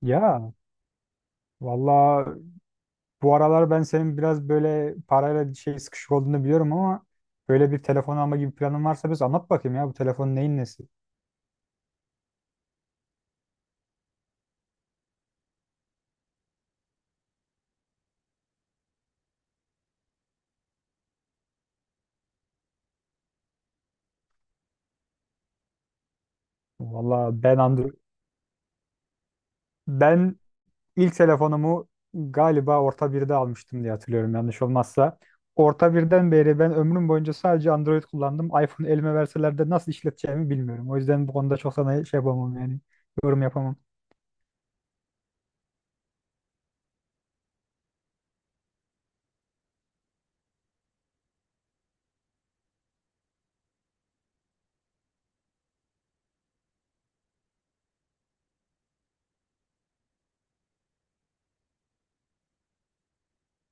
Ya valla bu aralar ben senin biraz böyle parayla şey sıkışık olduğunu biliyorum ama böyle bir telefon alma gibi planın varsa biz anlat bakayım ya bu telefonun neyin nesi? Valla ben Android ben ilk telefonumu galiba orta birde almıştım diye hatırlıyorum yanlış olmazsa. Orta birden beri ben ömrüm boyunca sadece Android kullandım. iPhone elime verseler de nasıl işleteceğimi bilmiyorum. O yüzden bu konuda çok sana şey yapamam yani. Yorum yapamam.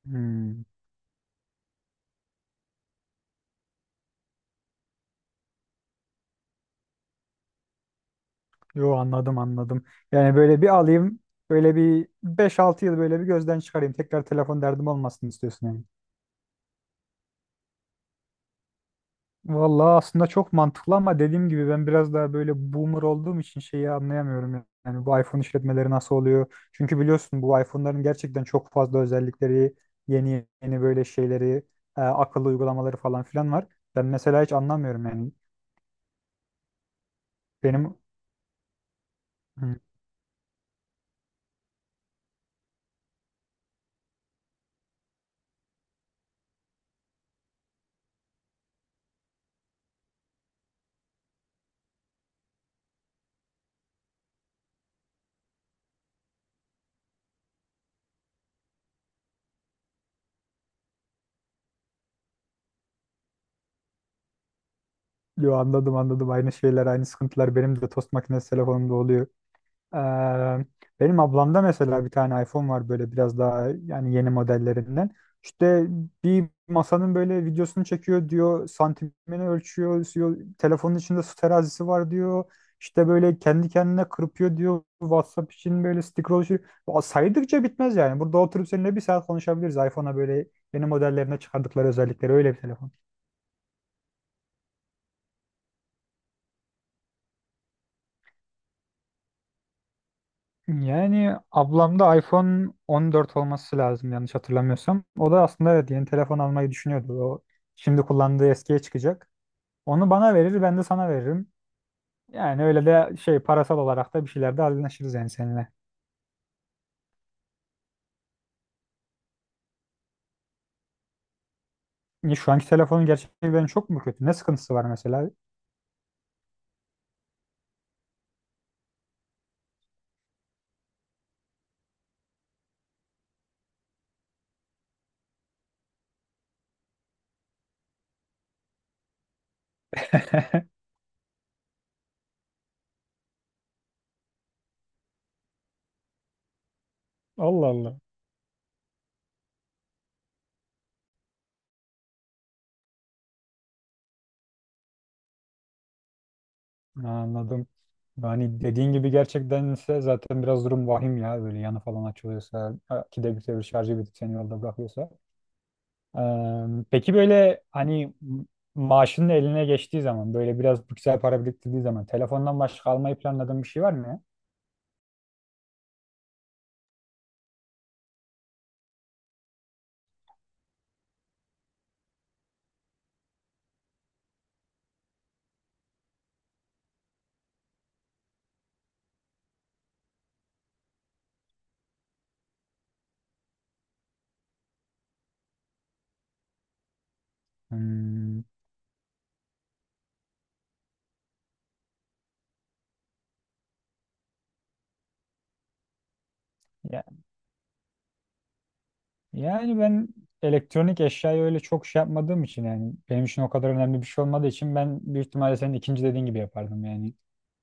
Hmm. Yo, anladım. Yani böyle bir alayım, böyle bir 5-6 yıl böyle bir gözden çıkarayım. Tekrar telefon derdim olmasın istiyorsun yani. Vallahi aslında çok mantıklı ama dediğim gibi ben biraz daha böyle boomer olduğum için şeyi anlayamıyorum. Yani bu iPhone işletmeleri nasıl oluyor? Çünkü biliyorsun bu iPhone'ların gerçekten çok fazla özellikleri, yeni yeni böyle şeyleri, akıllı uygulamaları falan filan var. Ben mesela hiç anlamıyorum yani. Benim Hı, yo, anladım, aynı şeyler, aynı sıkıntılar benim de tost makinesi telefonumda oluyor. Eee, Benim ablamda mesela bir tane iPhone var böyle biraz daha yani yeni modellerinden. İşte bir masanın böyle videosunu çekiyor diyor, santimini ölçüyor diyor, telefonun içinde su terazisi var diyor. İşte böyle kendi kendine kırpıyor diyor. WhatsApp için böyle ya saydıkça bitmez yani. Burada oturup seninle 1 saat konuşabiliriz. iPhone'a böyle yeni modellerine çıkardıkları özellikleri öyle bir telefon. Yani ablamda iPhone 14 olması lazım yanlış hatırlamıyorsam. O da aslında evet yeni telefon almayı düşünüyordu. O şimdi kullandığı eskiye çıkacak. Onu bana verir ben de sana veririm. Yani öyle de şey parasal olarak da bir şeylerde anlaşırız yani seninle. Niye? Şu anki telefonun gerçekten çok mu kötü? Ne sıkıntısı var mesela? Allah Allah. Anladım. Yani dediğin gibi gerçekten ise zaten biraz durum vahim ya. Böyle yanı falan açılıyorsa, ki de bir şarjı bitip seni yolda bırakıyorsa. Peki böyle hani maaşının eline geçtiği zaman, böyle biraz güzel para biriktirdiği zaman telefondan başka almayı planladığın bir şey var mı ya? Hmm. Yani ben elektronik eşyayı öyle çok şey yapmadığım için, yani benim için o kadar önemli bir şey olmadığı için, ben büyük ihtimalle senin ikinci dediğin gibi yapardım yani.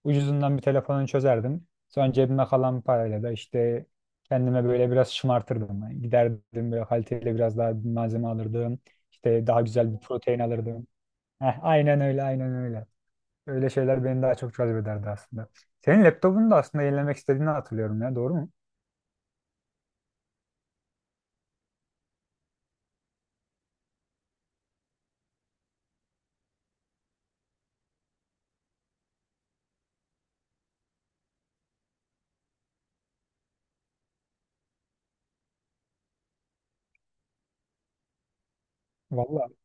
Ucuzundan bir telefonunu çözerdim. Sonra cebime kalan parayla da işte kendime böyle biraz şımartırdım. Yani giderdim böyle kaliteli biraz daha bir malzeme alırdım. İşte daha güzel bir protein alırdım. Heh, aynen öyle, aynen öyle. Öyle şeyler beni daha çok cezbederdi aslında. Senin laptopunu da aslında yenilemek istediğini hatırlıyorum ya, doğru mu? Vallahi.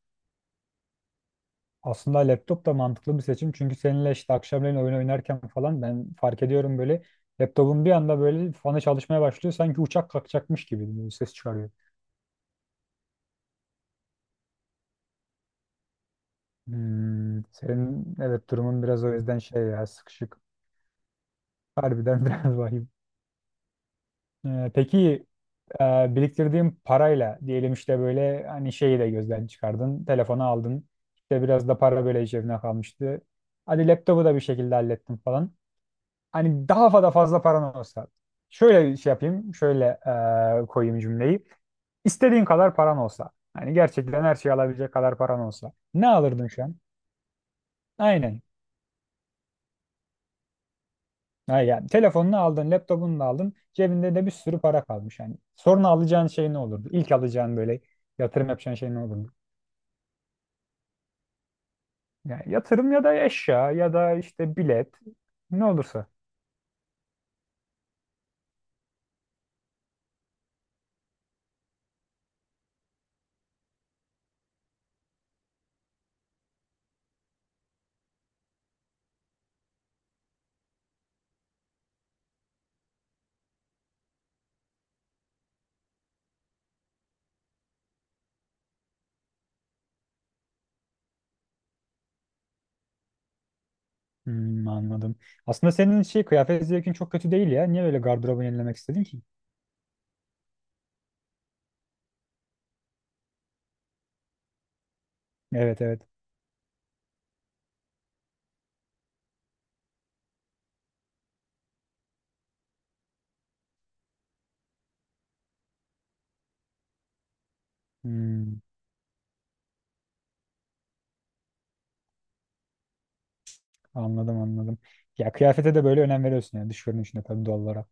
Aslında laptop da mantıklı bir seçim. Çünkü seninle işte akşamleyin oyun oynarken falan ben fark ediyorum, böyle laptopun bir anda böyle fanı çalışmaya başlıyor. Sanki uçak kalkacakmış gibi bir ses çıkarıyor. Hmm, senin evet durumun biraz o yüzden şey ya, sıkışık. Harbiden biraz vahim. Peki, e, biriktirdiğin parayla diyelim işte böyle hani şeyi de gözden çıkardın. Telefonu aldın. İşte biraz da para böyle cebine kalmıştı. Hadi laptopu da bir şekilde hallettin falan. Hani daha fazla paran olsa. Şöyle şey yapayım, şöyle koyayım cümleyi. İstediğin kadar paran olsa. Hani gerçekten her şeyi alabilecek kadar paran olsa. Ne alırdın şu an? Aynen. Ha, yani telefonunu aldın, laptopunu da aldın. Cebinde de bir sürü para kalmış. Yani sonra alacağın şey ne olurdu? İlk alacağın böyle yatırım yapacağın şey ne olurdu? Yani yatırım ya da eşya ya da işte bilet, ne olursa. Hmm, anladım. Aslında senin şey kıyafet zevkin çok kötü değil ya. Niye böyle gardırobunu yenilemek istedin ki? Evet, evet. Hmm, anladım. Ya kıyafete de böyle önem veriyorsun yani, dış görünüşüne tabii, doğal olarak.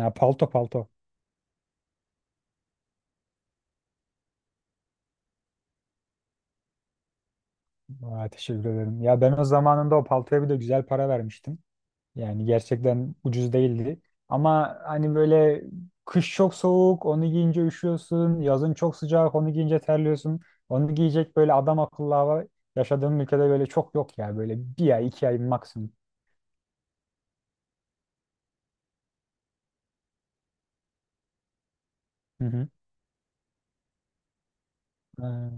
Ya, palto, palto. Aa, teşekkür ederim. Ya ben o zamanında o paltoya bir de güzel para vermiştim. Yani gerçekten ucuz değildi. Ama hani böyle kış çok soğuk, onu giyince üşüyorsun. Yazın çok sıcak, onu giyince terliyorsun. Onu giyecek böyle adam akıllı hava yaşadığım ülkede böyle çok yok ya. Böyle 1 ay, 2 ay maksimum. Hı hı.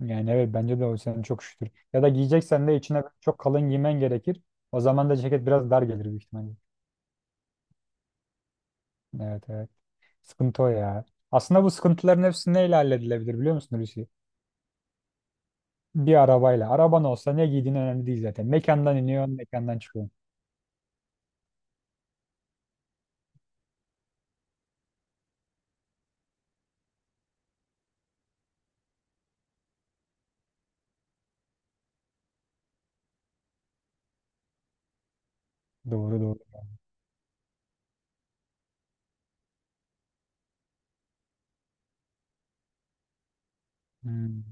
Yani evet, bence de o senin çok şükür. Ya da giyeceksen de içine çok kalın giymen gerekir. O zaman da ceket biraz dar gelir büyük ihtimalle. Evet, evet. Sıkıntı o ya. Aslında bu sıkıntıların hepsi neyle halledilebilir biliyor musun Hulusi? Bir arabayla. Araban olsa ne giydiğin önemli değil zaten. Mekandan iniyorsun, mekandan çıkıyorsun. Doğru, doğru. Hmm.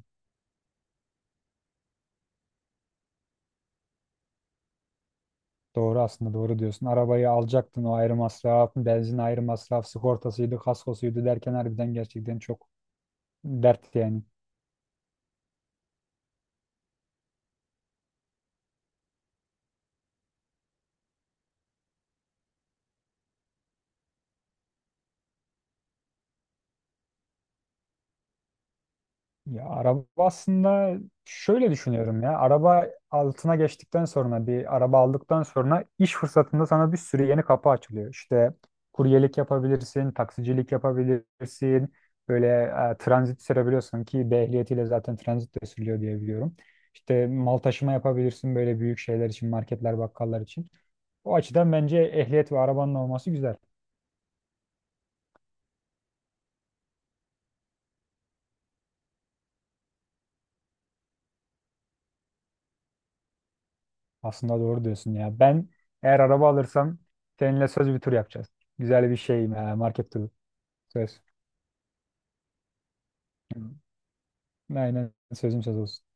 Doğru, aslında doğru diyorsun. Arabayı alacaktın o ayrı masraf, benzin ayrı masraf, sigortasıydı, kaskosuydu derken harbiden gerçekten çok dert yani. Ya araba aslında şöyle düşünüyorum ya. Araba altına geçtikten sonra, bir araba aldıktan sonra iş fırsatında sana bir sürü yeni kapı açılıyor. İşte kuryelik yapabilirsin, taksicilik yapabilirsin. Böyle transit sürebiliyorsun, ki B ehliyetiyle zaten transit de sürülüyor diye biliyorum. İşte mal taşıma yapabilirsin böyle büyük şeyler için, marketler, bakkallar için. O açıdan bence ehliyet ve arabanın olması güzel. Aslında doğru diyorsun ya. Ben eğer araba alırsam seninle söz bir tur yapacağız. Güzel bir şey, market turu. Söz. Hı. Aynen, sözüm söz olsun.